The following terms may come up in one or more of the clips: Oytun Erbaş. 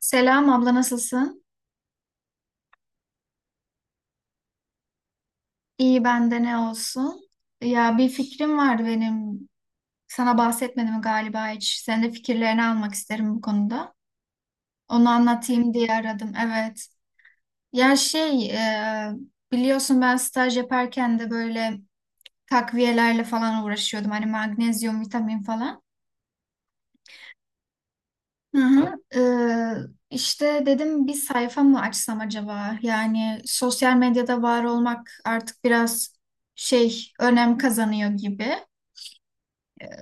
Selam abla nasılsın? İyi bende ne olsun? Ya bir fikrim vardı benim. Sana bahsetmedim galiba hiç. Senin de fikirlerini almak isterim bu konuda. Onu anlatayım diye aradım. Evet. Ya biliyorsun ben staj yaparken de böyle takviyelerle falan uğraşıyordum. Hani magnezyum, vitamin falan. Hı hı. İşte dedim bir sayfa mı açsam acaba? Yani sosyal medyada var olmak artık biraz önem kazanıyor gibi.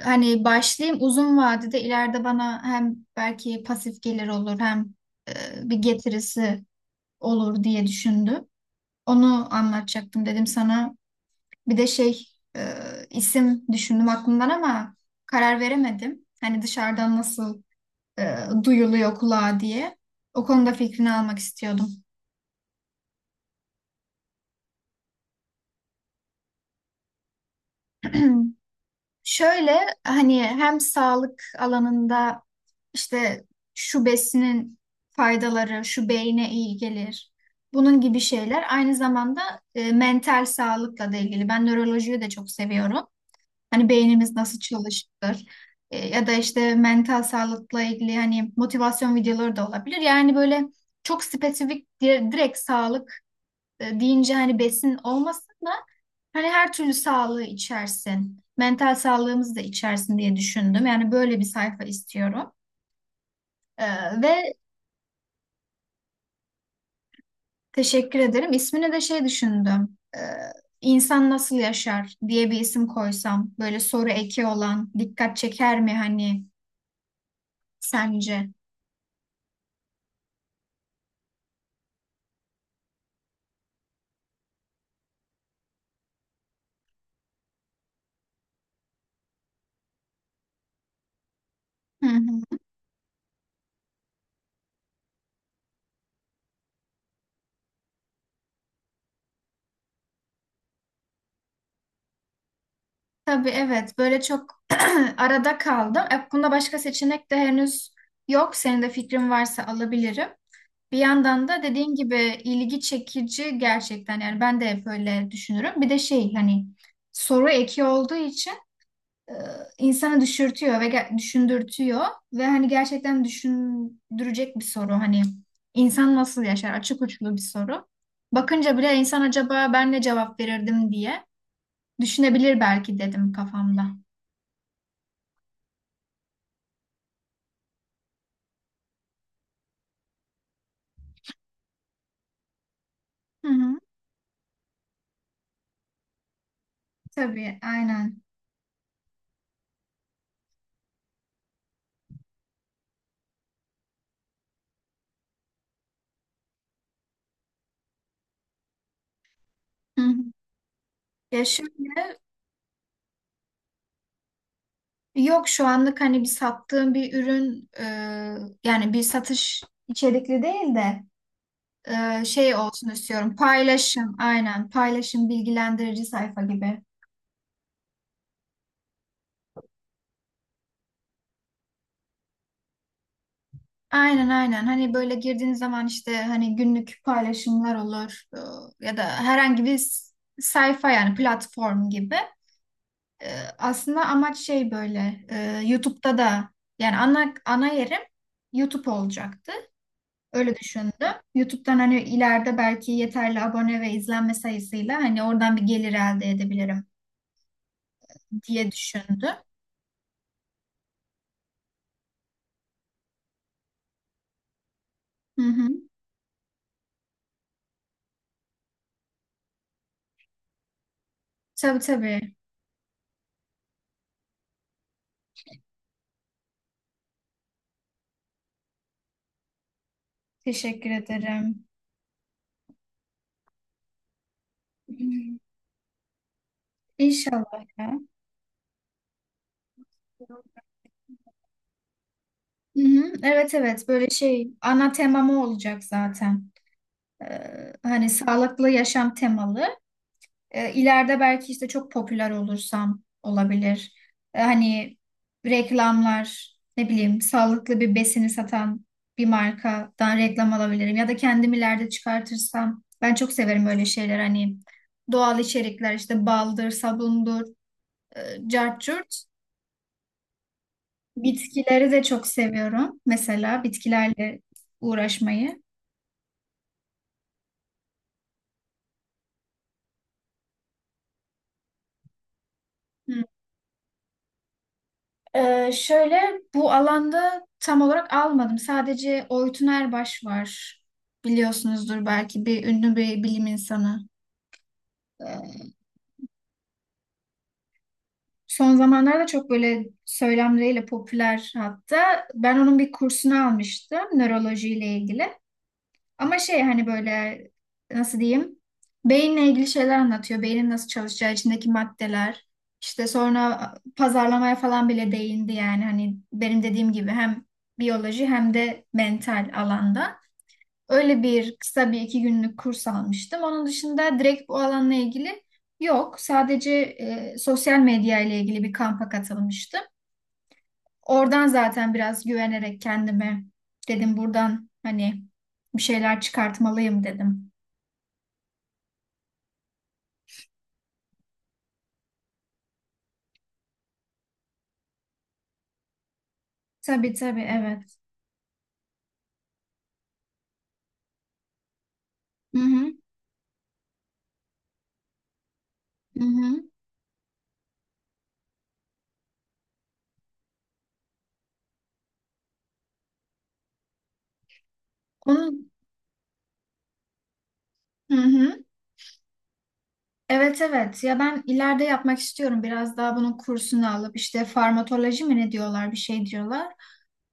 Hani başlayayım, uzun vadede ileride bana hem belki pasif gelir olur hem e, bir getirisi olur diye düşündüm. Onu anlatacaktım dedim sana. Bir de e, isim düşündüm aklımdan ama karar veremedim. Hani dışarıdan nasıl e, duyuluyor kulağa diye. O konuda fikrini almak istiyordum. Şöyle, hani hem sağlık alanında işte şu besinin faydaları, şu beyne iyi gelir. Bunun gibi şeyler, aynı zamanda mental sağlıkla da ilgili. Ben nörolojiyi de çok seviyorum. Hani beynimiz nasıl çalışır. Ya da işte mental sağlıkla ilgili hani motivasyon videoları da olabilir. Yani böyle çok spesifik direkt sağlık deyince, hani besin olmasın da hani her türlü sağlığı içersin. Mental sağlığımızı da içersin diye düşündüm. Yani böyle bir sayfa istiyorum. E, Ve teşekkür ederim. İsmine de şey düşündüm. İnsan nasıl yaşar diye bir isim koysam. Böyle soru eki olan dikkat çeker mi hani sence? Hı hı. Tabii, evet, böyle çok arada kaldım. Bunda başka seçenek de henüz yok. Senin de fikrin varsa alabilirim. Bir yandan da dediğin gibi ilgi çekici gerçekten, yani ben de hep öyle düşünürüm. Bir de şey, hani soru eki olduğu için e, insanı düşürtüyor ve düşündürtüyor ve hani gerçekten düşündürecek bir soru, hani insan nasıl yaşar açık uçlu bir soru. Bakınca bile insan acaba ben ne cevap verirdim diye düşünebilir belki, dedim kafamda. Hı hı, tabii, aynen. Hı hı. Ya şöyle, yok şu anlık hani bir sattığım bir ürün yani bir satış içerikli değil de olsun istiyorum. Paylaşım, aynen, paylaşım bilgilendirici sayfa gibi. Aynen aynen, hani böyle girdiğiniz zaman işte hani günlük paylaşımlar olur ya da herhangi bir sayfa, yani platform gibi. E, Aslında amaç böyle, YouTube'da da yani ana yerim YouTube olacaktı. Öyle düşündüm. YouTube'dan hani ileride belki yeterli abone ve izlenme sayısıyla hani oradan bir gelir elde edebilirim diye düşündüm. Hı hı. Tabii tabii. Teşekkür ederim. Hı. İnşallah ya. Hı hı. Evet evet, böyle ana temamı olacak zaten. Hani sağlıklı yaşam temalı. İleride belki işte çok popüler olursam olabilir. Hani reklamlar, ne bileyim, sağlıklı bir besini satan bir markadan reklam alabilirim. Ya da kendim ileride çıkartırsam. Ben çok severim öyle şeyler, hani doğal içerikler işte, baldır, sabundur, e, cart curt. Bitkileri de çok seviyorum. Mesela bitkilerle uğraşmayı. Hı. Şöyle, bu alanda tam olarak almadım. Sadece Oytun Erbaş var. Biliyorsunuzdur belki, bir ünlü bir bilim insanı. Ee, Son zamanlarda çok böyle söylemleriyle popüler hatta. Ben onun bir kursunu almıştım nörolojiyle ilgili. Ama şey, hani böyle nasıl diyeyim? Beyinle ilgili şeyler anlatıyor. Beynin nasıl çalışacağı, içindeki maddeler. İşte sonra pazarlamaya falan bile değindi, yani hani benim dediğim gibi hem biyoloji hem de mental alanda. Öyle bir kısa bir iki günlük kurs almıştım. Onun dışında direkt bu alanla ilgili yok. Sadece sosyal medya ile ilgili bir kampa katılmıştım. Oradan zaten biraz güvenerek kendime dedim, buradan hani bir şeyler çıkartmalıyım dedim. Tabii tabii, evet. Hı hı. Hı hı. Onun. Hı hı. Evet evet ya, ben ileride yapmak istiyorum biraz daha bunun kursunu alıp, işte farmakoloji mi ne diyorlar, bir şey diyorlar.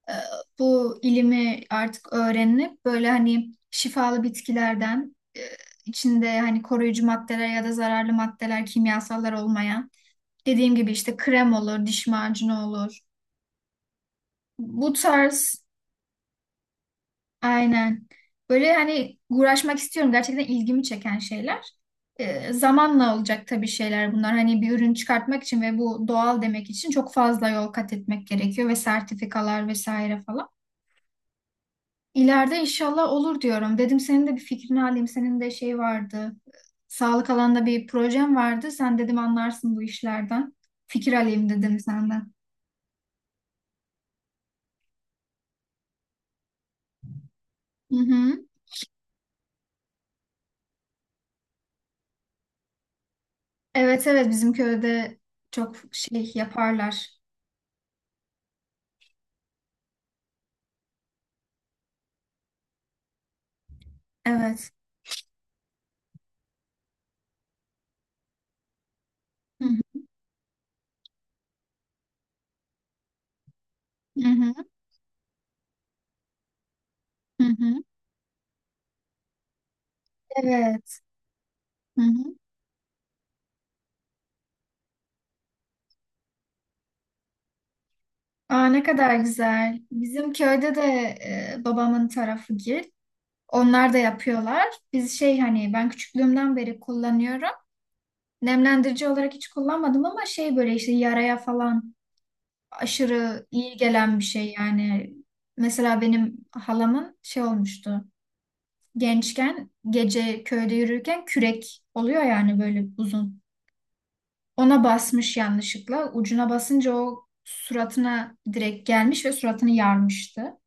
Ee, Bu ilimi artık öğrenip böyle hani şifalı bitkilerden, içinde hani koruyucu maddeler ya da zararlı maddeler, kimyasallar olmayan, dediğim gibi işte krem olur, diş macunu olur, bu tarz. Aynen. Böyle hani uğraşmak istiyorum. Gerçekten ilgimi çeken şeyler. Zamanla olacak tabii şeyler bunlar. Hani bir ürün çıkartmak için ve bu doğal demek için çok fazla yol kat etmek gerekiyor ve sertifikalar vesaire falan. İleride inşallah olur diyorum. Dedim senin de bir fikrini alayım. Senin de şey vardı. Sağlık alanında bir projem vardı. Sen dedim anlarsın bu işlerden. Fikir alayım dedim senden. Hı hı. Evet evet, bizim köyde çok şey yaparlar. Evet. Hı hı. Hı hı. Hı hı. Evet. Hı hı. Aa, ne kadar güzel. Bizim köyde de babamın tarafı gil. Onlar da yapıyorlar. Biz hani ben küçüklüğümden beri kullanıyorum. Nemlendirici olarak hiç kullanmadım ama böyle işte yaraya falan aşırı iyi gelen bir şey yani. Mesela benim halamın şey olmuştu. Gençken gece köyde yürürken kürek oluyor yani böyle uzun. Ona basmış yanlışlıkla. Ucuna basınca o suratına direkt gelmiş ve suratını yarmıştı.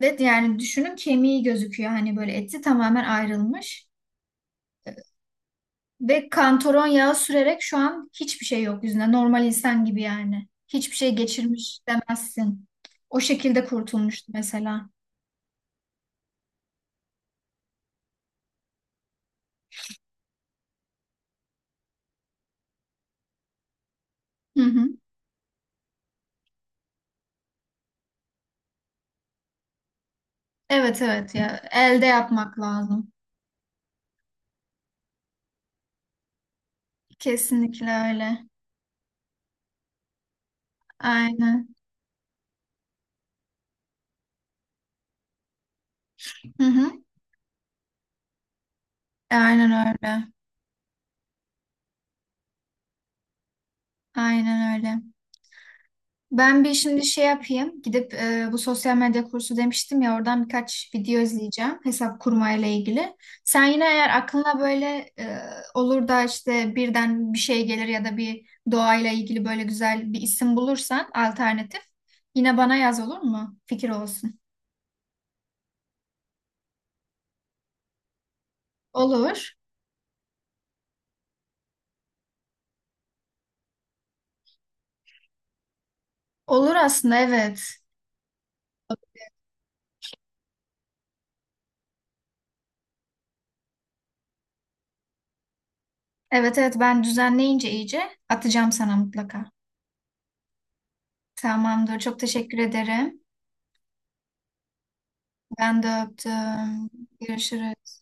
Ve yani düşünün, kemiği gözüküyor. Hani böyle eti tamamen ayrılmış. Ve kantaron yağı sürerek şu an hiçbir şey yok yüzünde. Normal insan gibi yani. Hiçbir şey geçirmiş demezsin. O şekilde kurtulmuştu mesela. Hı hı. Evet evet ya. Elde yapmak lazım. Kesinlikle öyle. Aynen. Hı hı. Aynen öyle. Aynen öyle. Ben bir şimdi şey yapayım. Gidip bu sosyal medya kursu demiştim ya, oradan birkaç video izleyeceğim hesap kurmayla ilgili. Sen yine eğer aklına böyle e, olur da işte birden bir şey gelir ya da bir doğayla ilgili böyle güzel bir isim bulursan alternatif, yine bana yaz olur mu? Fikir olsun. Olur. Olur aslında, evet. Evet evet, ben düzenleyince iyice atacağım sana mutlaka. Tamamdır. Çok teşekkür ederim. Ben de öptüm. Görüşürüz.